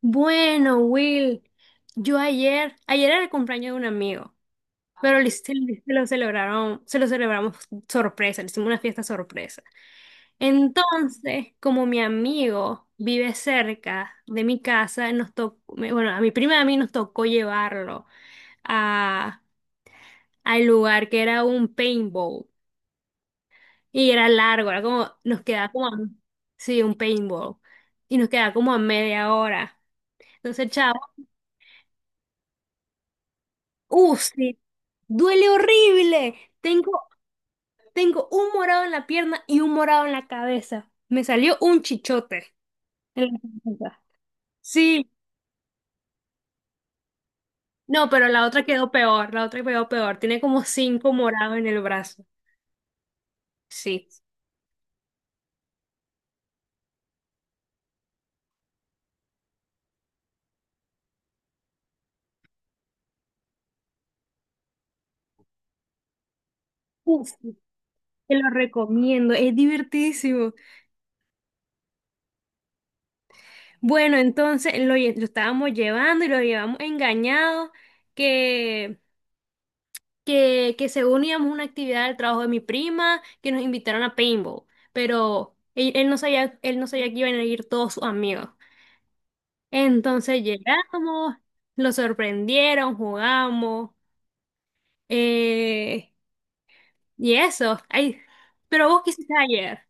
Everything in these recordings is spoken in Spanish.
Bueno, Will, yo ayer era el cumpleaños de un amigo, pero se lo celebraron, se lo celebramos sorpresa, le hicimos una fiesta sorpresa. Entonces, como mi amigo vive cerca de mi casa, nos tocó, bueno, a mi prima y a mí nos tocó llevarlo a, al lugar que era un paintball. Y era largo, era como, nos quedaba como, sí, un paintball. Y nos quedaba como a media hora. Entonces, chao. Sí. Duele horrible. Tengo, tengo un morado en la pierna y un morado en la cabeza. Me salió un chichote en la cabeza. Sí. No, pero la otra quedó peor. La otra quedó peor. Tiene como cinco morados en el brazo. Sí. Uf, te lo recomiendo, es divertidísimo. Bueno, entonces lo estábamos llevando y lo llevamos engañado, que que según íbamos a una actividad del trabajo de mi prima, que nos invitaron a paintball, pero él no sabía, que iban a ir todos sus amigos. Entonces llegamos, lo sorprendieron, jugamos, eh, y eso. Ay, pero vos quisiste ayer.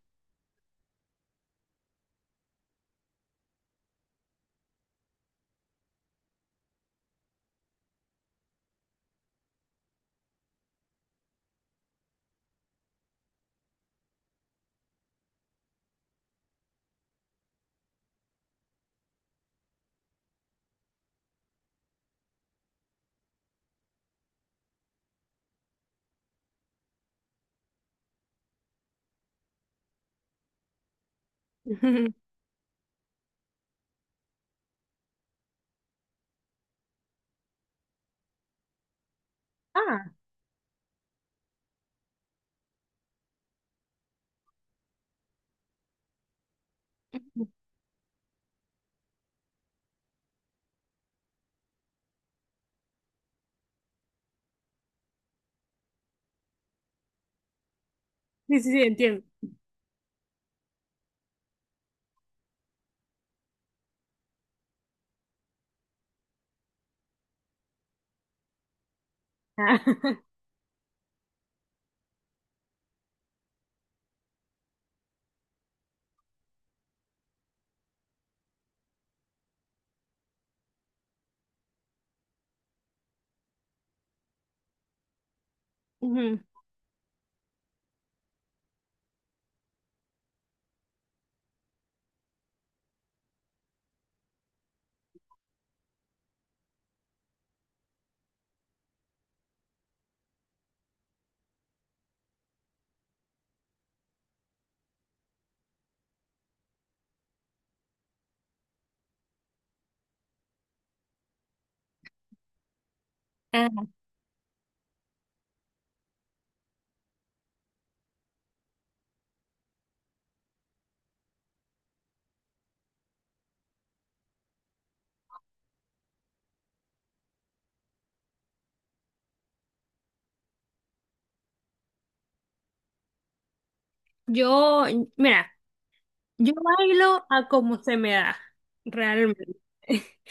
Ujú. Ah, ujú. Sí, sí, sí, entiendo. Ah, ujú. Ah, yo, mira, yo bailo a como se me da, realmente.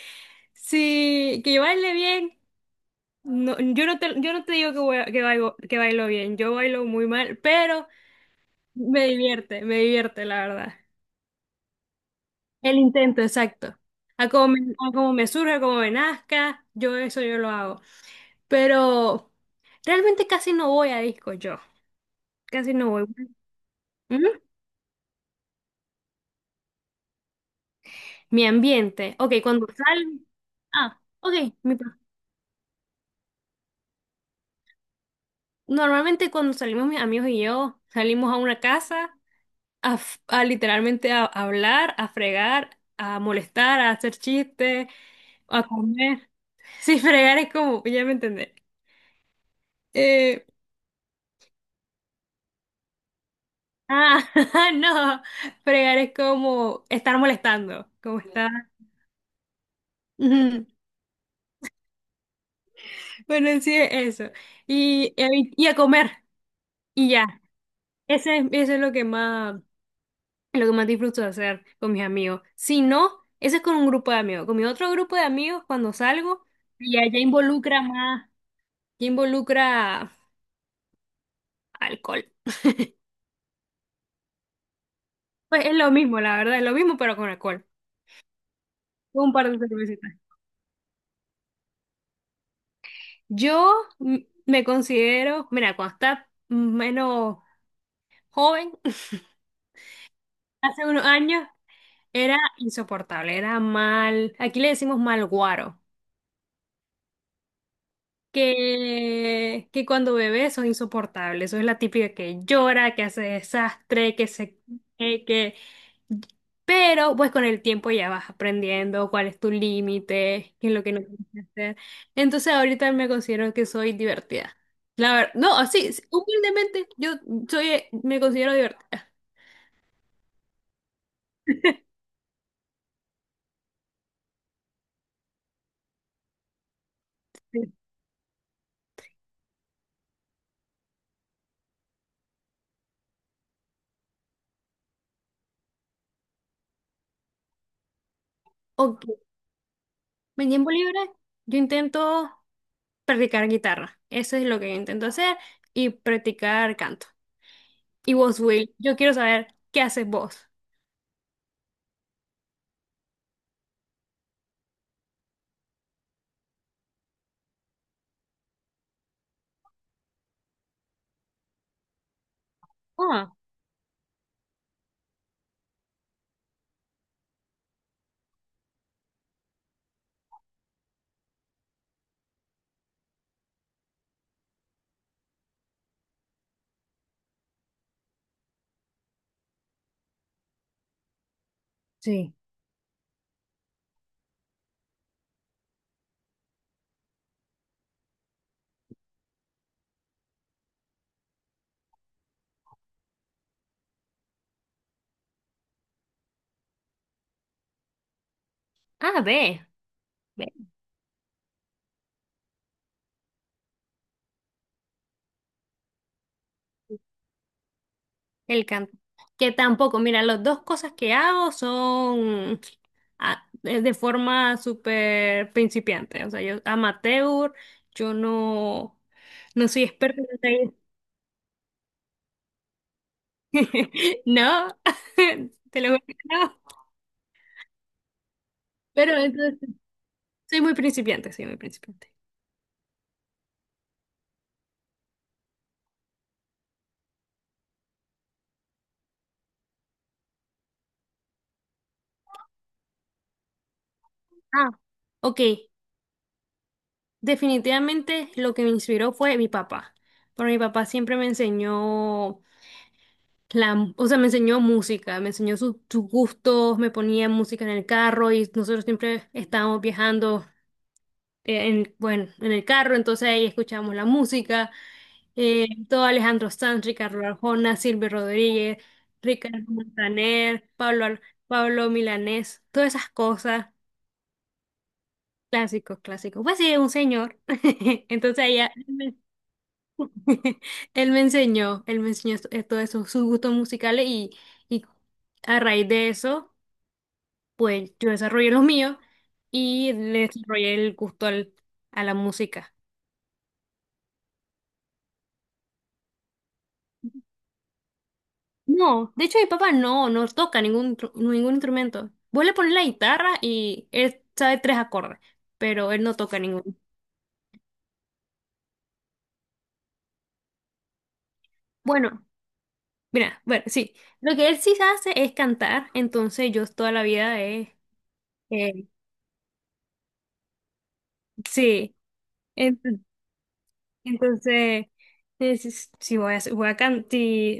Sí, que yo baile bien. No, yo no te digo que, que bailo bien, yo bailo muy mal, pero me divierte, la verdad. El intento, exacto. A como me surge, a como me nazca, yo eso yo lo hago. Pero realmente casi no voy a disco yo, casi no voy. Ujú. Mi ambiente, ok, cuando salgo, ah, ok, mi pa- normalmente cuando salimos mis amigos y yo, salimos a una casa, a literalmente a hablar, a fregar, a molestar, a hacer chistes, a comer. Sí, fregar es como, ya me entendé. Eh, ah, no, fregar es como estar molestando, como estar. Ujú. Bueno, sí, es eso. Y a comer, y ya. Eso es lo que más disfruto de hacer con mis amigos. Si no, eso es con un grupo de amigos. Con mi otro grupo de amigos, cuando salgo, ya involucra más. Ya involucra alcohol. Pues es lo mismo, la verdad, es lo mismo, pero con alcohol. Un par de cervecitas. Yo mm, me considero, mira, cuando estaba menos joven, hace unos años, era insoportable, era mal, aquí le decimos mal guaro. Que cuando bebé sos insoportable. Eso es la típica que llora, que hace desastre. Que se... que... que- Pero pues con el tiempo ya vas aprendiendo cuál es tu límite, qué es lo que no tienes que hacer. Entonces ahorita me considero que soy divertida. La verdad, no, así, humildemente yo soy, me considero divertida. Ok. Mi tiempo libre, yo intento practicar guitarra. Eso es lo que yo intento hacer y practicar canto. Y vos, Will, yo quiero saber qué haces vos. Ah, sí. Ah, ve, ve, el canto. Que tampoco, mira, las dos cosas que hago son de forma súper principiante. O sea, yo amateur, yo no soy experta en el taller. No, te lo juro que no. Pero entonces. Soy muy principiante, soy muy principiante. Ah, ok, definitivamente lo que me inspiró fue mi papá, porque mi papá siempre me enseñó o sea, me enseñó música, me enseñó sus gustos, me ponía música en el carro y nosotros siempre estábamos viajando, bueno, en el carro, entonces ahí escuchábamos la música, todo Alejandro Sanz, Ricardo Arjona, Silvio Rodríguez, Ricardo Montaner, Pablo Milanés, todas esas cosas. Clásicos, clásicos. Pues sí, un señor. Entonces él me él me enseñó todos esos sus gustos musicales, y a raíz de eso, pues yo desarrollé los míos y le desarrollé el gusto a la música. No, de hecho mi papá no toca ningún instrumento. Vos le pones la guitarra y él sabe tres acordes, pero él no toca ninguno. Bueno, mira, bueno, sí. Lo que él sí hace es cantar, entonces yo toda la vida he... Sí, ent- entonces, es- si voy a cantar,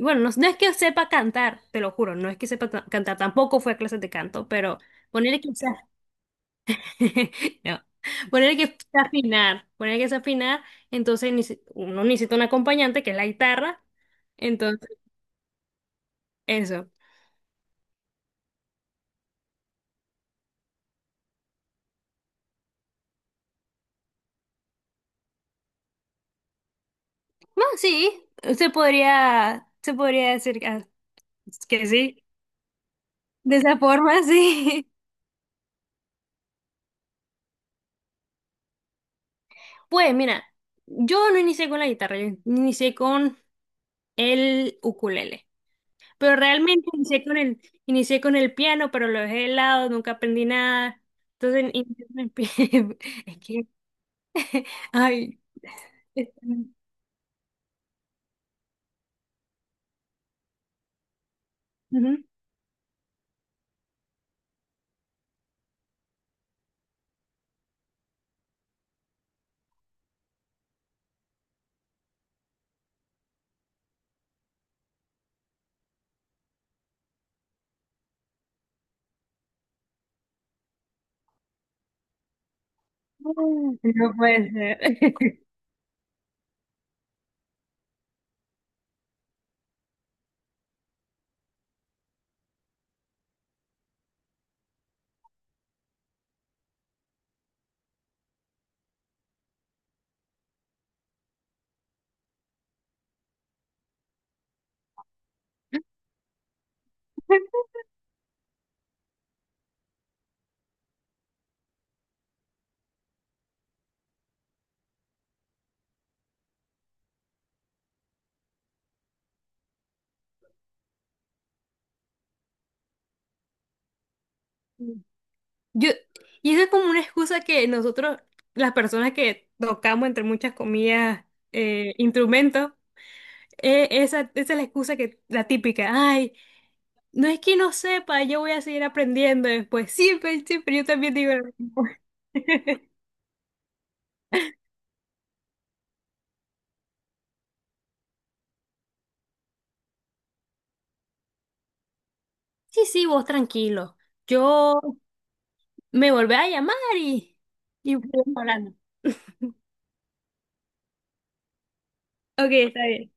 bueno, no, no es que sepa cantar, te lo juro, no es que sepa cantar, tampoco fue a clases de canto, pero ponerle que sea- no, ponerle que sea afinar, ponerle que sea afinar, entonces ni si- uno necesita un acompañante que es la guitarra, entonces, eso. Bueno, sí, se podría decir que sí, de esa forma, sí. Pues mira, yo no inicié con la guitarra, yo inicié con el ukulele. Pero realmente inicié con el piano, pero lo dejé de lado, nunca aprendí nada. Entonces, inicié con el es que, ay, es- ujú. No puede ser. Yo, y eso es como una excusa que nosotros, las personas que tocamos, entre muchas comillas, instrumentos, esa es la excusa que, la típica, ay, no es que no sepa, yo voy a seguir aprendiendo después. Siempre, siempre, yo también digo lo mismo. Sí, sí, vos tranquilo. Yo me volví a llamar y volvemos hablando. Ok, está bien.